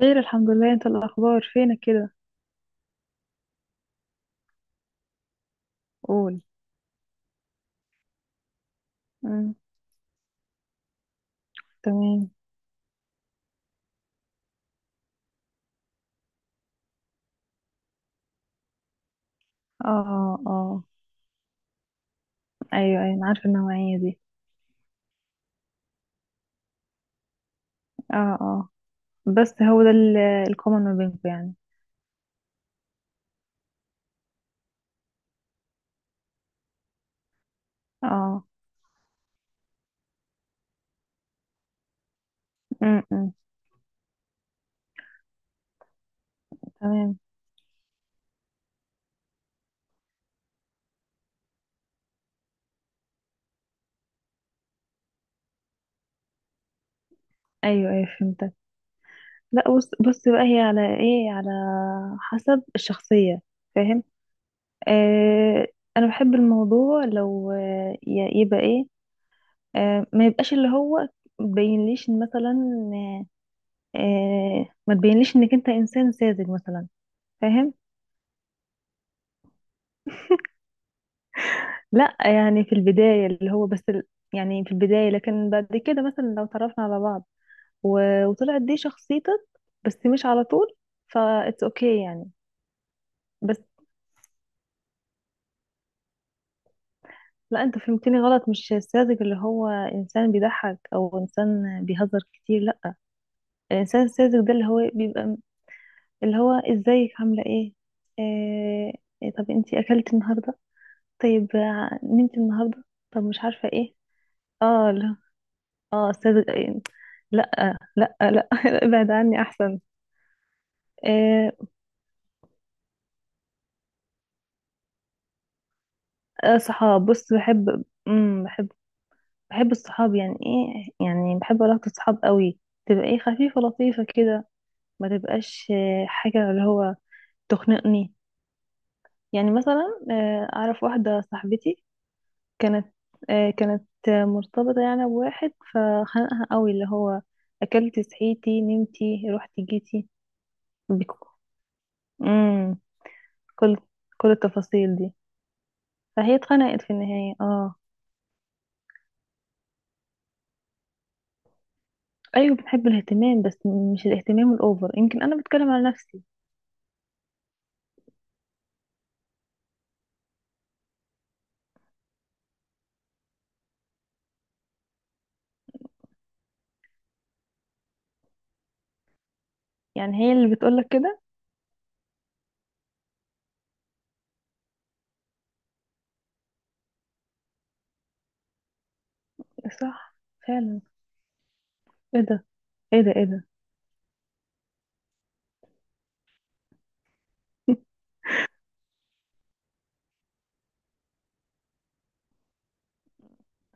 خير، الحمد لله. انت الاخبار، فينك كده؟ قول. مم. تمام. اه، اه. ايوه، ايوه، انا عارفه النوعيه دي. اه، اه. بس هو ده الكومن ما بينكم يعني. اه. امم. تمام. ايوه، ايوه، فهمتك. لا، بص بص بقى، هي على ايه، على حسب الشخصيه. فاهم. آه. انا بحب الموضوع لو يبقى ايه. ما يبقاش اللي هو بينليش مثلا. آه. ما تبينليش انك انت انسان ساذج مثلا. فاهم. لا، يعني في البداية اللي هو بس ال... يعني في البداية، لكن بعد كده مثلا لو تعرفنا على بعض و... وطلعت دي شخصيتك، بس مش على طول. فا اتس اوكي يعني. بس. لا، انت فهمتني غلط. مش الساذج اللي هو انسان بيضحك او انسان بيهزر كتير، لا. الانسان الساذج ده اللي هو بيبقى م- اللي هو ازيك، عاملة ايه؟ آه... إيه، طب انتي اكلت النهاردة؟ طيب، نمت النهاردة؟ طب مش عارفة ايه. اه. اه استاذ. لا. لا، لا، ابعد عني احسن. إيه. صحاب. بص، بحب الصحاب. يعني ايه، يعني بحب علاقة الصحاب قوي. تبقى ايه، خفيفة لطيفة كده. ما تبقاش حاجة اللي هو تخنقني. يعني مثلا، اعرف واحدة صاحبتي كانت، مرتبطة يعني بواحد فخنقها قوي. اللي هو اكلتي، صحيتي، نمتي، رحتي، جيتي. بك- امم كل كل التفاصيل دي. فهي اتخنقت في النهاية. اه. ايوه، بنحب الاهتمام، بس مش الاهتمام الاوفر. يمكن انا بتكلم على نفسي. يعني هي اللي بتقولك كده؟ صح. فعلا. ايه ده، ايه ده، ايه ده.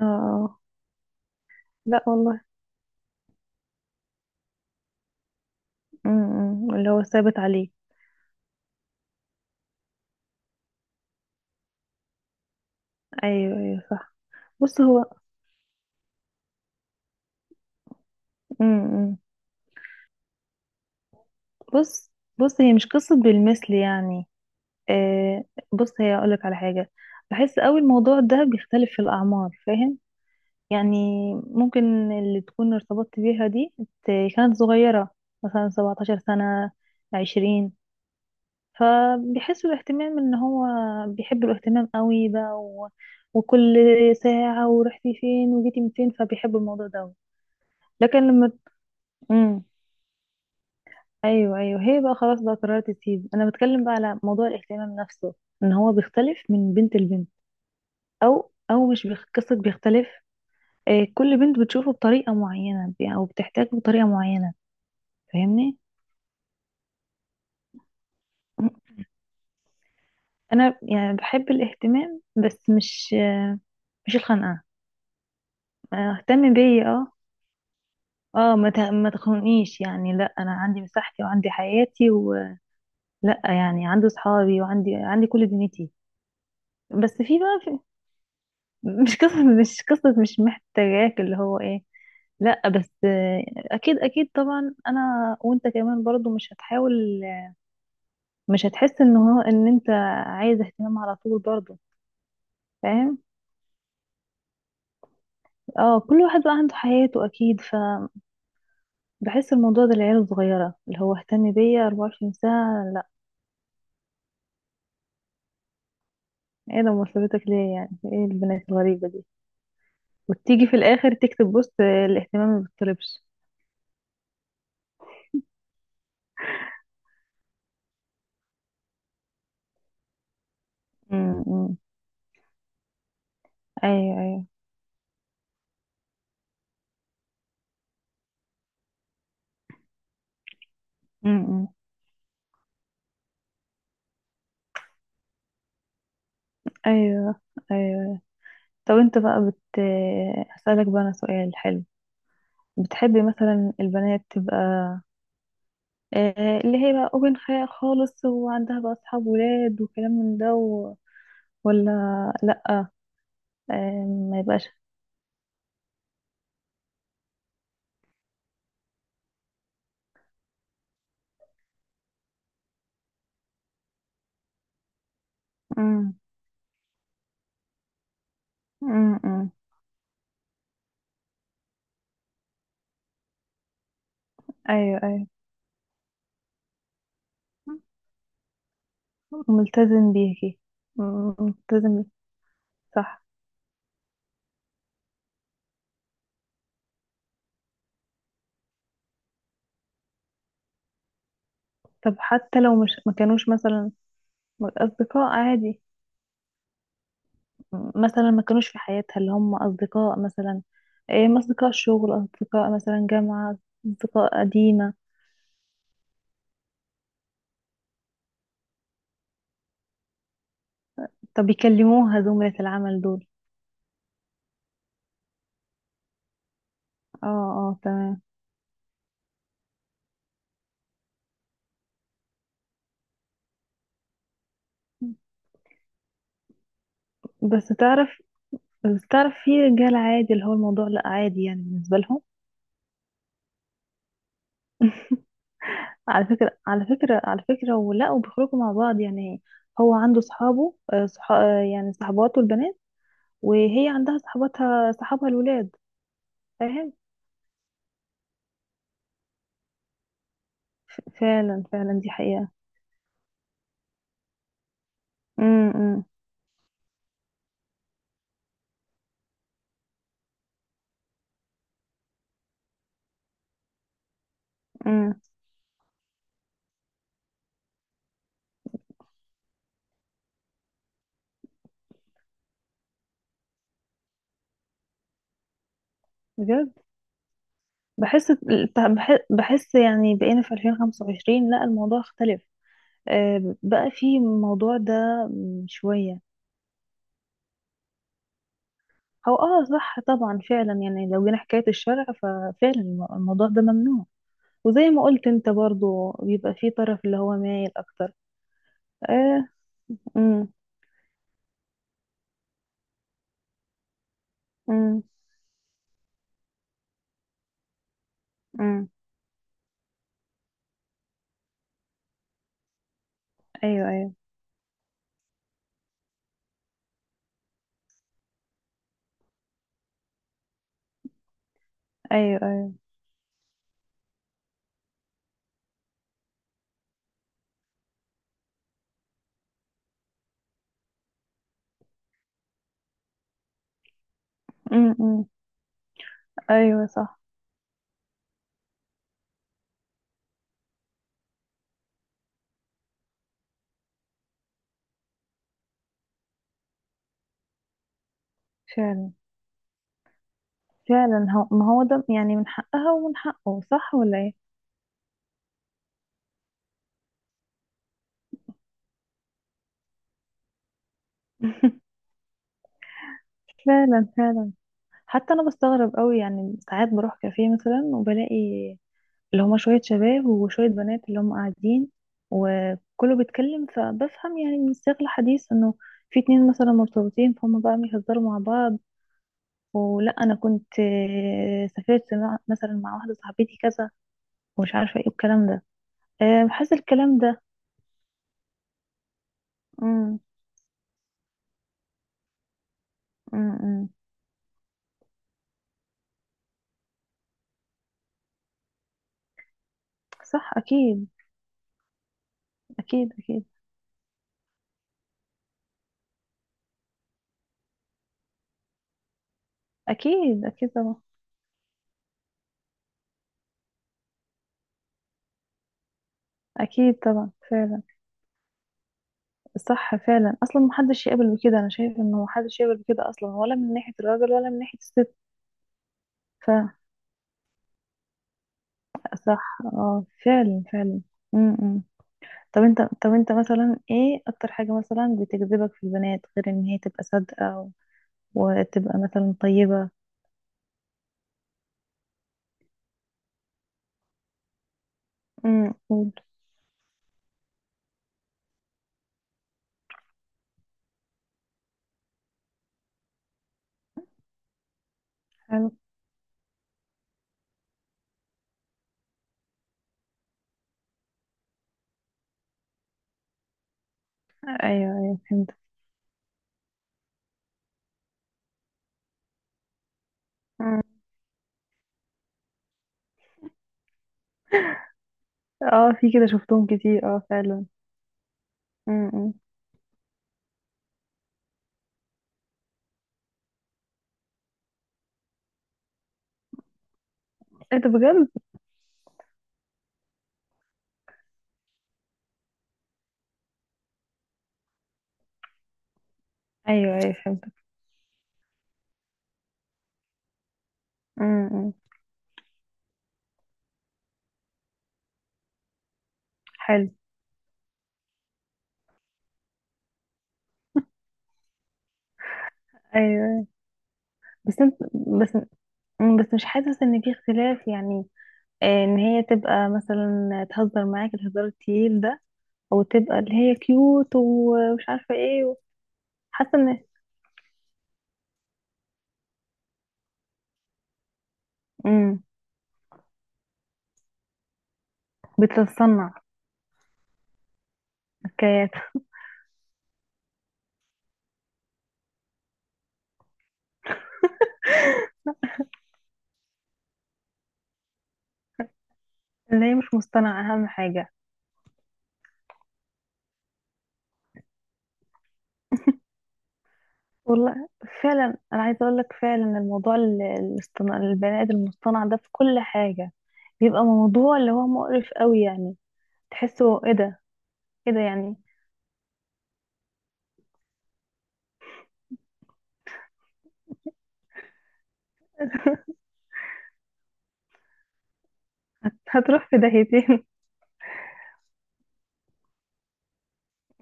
اه. آه. لا والله. اللي هو ثابت عليه. ايوه، ايوه، صح. بص هو. امم. بص. بص، هي مش قصة بالمثل يعني. آه. بص، هي اقولك على حاجة. بحس قوي الموضوع ده بيختلف في الاعمار، فاهم؟ يعني ممكن اللي تكون ارتبطت بيها دي ت- كانت صغيرة، مثلا 17 سنة، 20. فبيحسوا الاهتمام ان هو، بيحبوا الاهتمام قوي بقى، و... وكل ساعة ورحتي فين وجيتي من فين، فبيحبوا الموضوع ده أوي. لكن لما، امم، ايوه، ايوه، هي بقى خلاص بقى قررت تسيب. انا بتكلم بقى على موضوع الاهتمام نفسه، ان هو بيختلف من بنت لبنت، او مش قصة بيختلف. كل بنت بتشوفه بطريقة معينة، او بتحتاجه بطريقة معينة. فاهمني؟ انا يعني بحب الاهتمام، بس مش الخنقه. اهتم بيا، اه. اه، ما تخنقنيش يعني. لا، انا عندي مساحتي وعندي حياتي ولا، يعني عندي صحابي، وعندي كل دنيتي. بس في بقى في. مش قصة مش محتاجاك، اللي هو ايه. لا بس اكيد، اكيد طبعا. انا وانت كمان برضو مش هتحاول، مش هتحس ان انت عايز اهتمام على طول برضو، فاهم؟ اه، كل واحد بقى عنده حياته اكيد. فبحس الموضوع ده، العيال الصغيره اللي هو اهتم بيا 24 ساعه، لا. ايه ده، مرتبطك ليه يعني؟ ايه البنات الغريبه دي؟ وتيجي في الاخر تكتب بوست الاهتمام ما بيطلبش. امم. أمم. ايوه، ايوه. امم. أمم. ايوه، ايوه، طب انت بقى بت، هسألك بقى انا سؤال حلو. بتحبي مثلا البنات تبقى اللي هي بقى اوبن خيال خالص، وعندها بقى اصحاب ولاد وكلام من ده و... ولا لا؟ آه، ما يبقاش. امم. امم. أمم. ايوه، ايوه، ملتزم بيكي. ملتزم بيكي. صح. طب حتى لو مش ما كانوش مثلا اصدقاء عادي؟ مثلا ما كانوش في حياتها اللي هم اصدقاء مثلا، ايه، ما اصدقاء شغل، اصدقاء مثلا جامعة، اصدقاء قديمة. طب يكلموها زملاء العمل دول؟ اه. اه، تمام. بس تعرف، في رجال عادي اللي هو الموضوع لا عادي يعني بالنسبة لهم. على فكرة، ولا وبيخرجوا مع بعض يعني. هو عنده صحابه يعني صحباته البنات، وهي عندها صحباتها، صحابها الولاد. فاهم؟ فعلا، فعلا، دي حقيقة. امم. امم. امم. بجد. بحس، بحس يعني بقينا في 2025، لا، الموضوع اختلف. بقى في الموضوع ده، شوية. هو اه، صح طبعا، فعلا. يعني لو جينا حكاية الشرع ففعلا الموضوع ده ممنوع. وزي ما قلت انت برضو، بيبقى في طرف اللي هو مايل اكتر. اه. امم. امم. امم. ايوه، ايوه. ايوه، ايوه. امم. امم. ايوه صح. فعلا، فعلا. هو ما هو ده يعني، من حقها ومن حقه، صح ولا ايه؟ فعلا، فعلا. حتى انا بستغرب قوي. يعني ساعات بروح كافيه مثلا وبلاقي اللي هما شويه شباب وشويه بنات اللي هم قاعدين وكله بيتكلم، فبفهم يعني من سياق الحديث انه في اتنين مثلا مرتبطين، فهم بقى بيهزروا مع بعض. ولا انا كنت سافرت مثلا مع واحده صاحبتي كذا، ومش عارفه ايه الكلام ده. بحس الكلام ده. امم. امم. صح. اكيد، اكيد. اكيد، اكيد. اكيد طبعا. اكيد طبعا. فعلا، صح، فعلا. اصلا محدش يقبل بكده. انا شايف انه محدش يقبل بكده اصلا، ولا من ناحيه الراجل ولا من ناحيه الست. ف، صح، اه، فعلا، فعلا. امم. طب انت، مثلا ايه اكتر حاجه مثلا بتجذبك في البنات، غير ان هي تبقى صادقه وتبقى مثلا طيبه؟ امم، قول. حلو. ايوه، ايوه، فهمت. أمم. اه، في كده شفتهم كتير، اه، فعلا. امم. ايه ده، بجد؟ ايوه، ايوه، فهمت. امم. حلو. ايوه. بس انت. بس. بس مش حاسس ان في اختلاف يعني، ان هي تبقى مثلا تهزر معاك الهزار التقيل ده، او تبقى اللي هي كيوت ومش عارفه ايه حاسه ان، امم. بتتصنع. حكايات. اللي هي مش مصطنعه اهم حاجه. والله. فعلا. انا عايزه اقول لك فعلا الموضوع الاصطناع، البني ادم المصطنع ده في كل حاجه بيبقى موضوع اللي هو مقرف قوي يعني. تحسه ايه ده. ايه ده يعني. هتروح في داهيتين.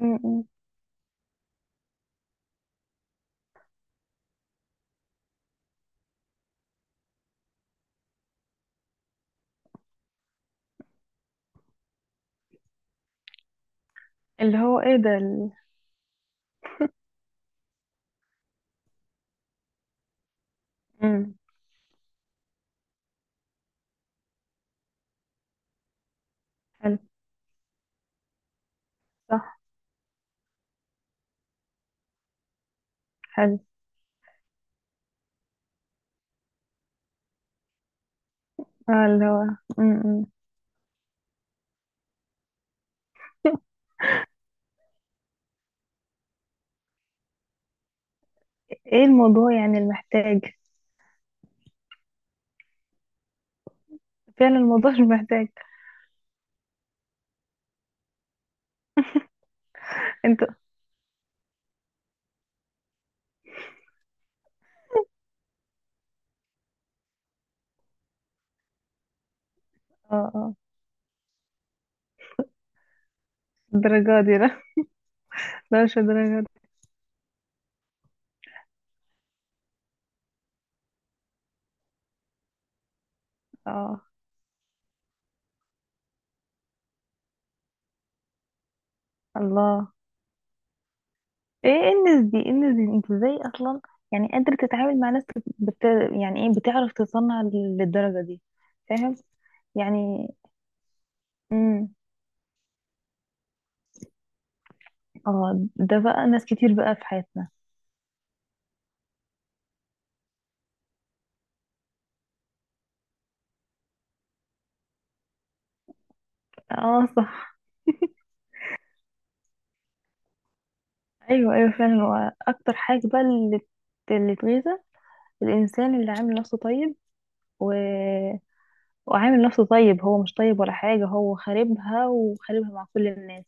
م-. م. اللي هو ايه ده ال... م. حلو. صح. حلو. آه، اللي هو م-. م. ايه الموضوع يعني، المحتاج. فعلا الموضوع مش محتاج. انت. اه، اه. الدرجة دي لا. لا، مش الدرجة دي. اه. الله. ايه، إيه الناس دي، ايه الناس دي؟ انت ازاي اصلا يعني قادر تتعامل مع ناس بت... يعني ايه، بتعرف تصنع للدرجة دي؟ فاهم؟ يعني. امم. اه، ده بقى ناس كتير بقى في حياتنا. اه، صح. ايوه، ايوه، فعلا. هو اكتر حاجة بقى اللي، اللي تغيظه، الانسان اللي عامل نفسه طيب و... وعامل نفسه طيب هو مش طيب ولا حاجة. هو خاربها، وخاربها مع كل الناس،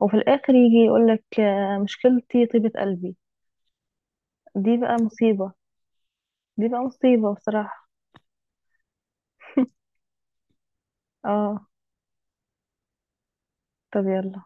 وفي الاخر يجي يقولك مشكلتي طيبة قلبي. دي بقى مصيبة. دي بقى مصيبة بصراحة. اه. طب يلا.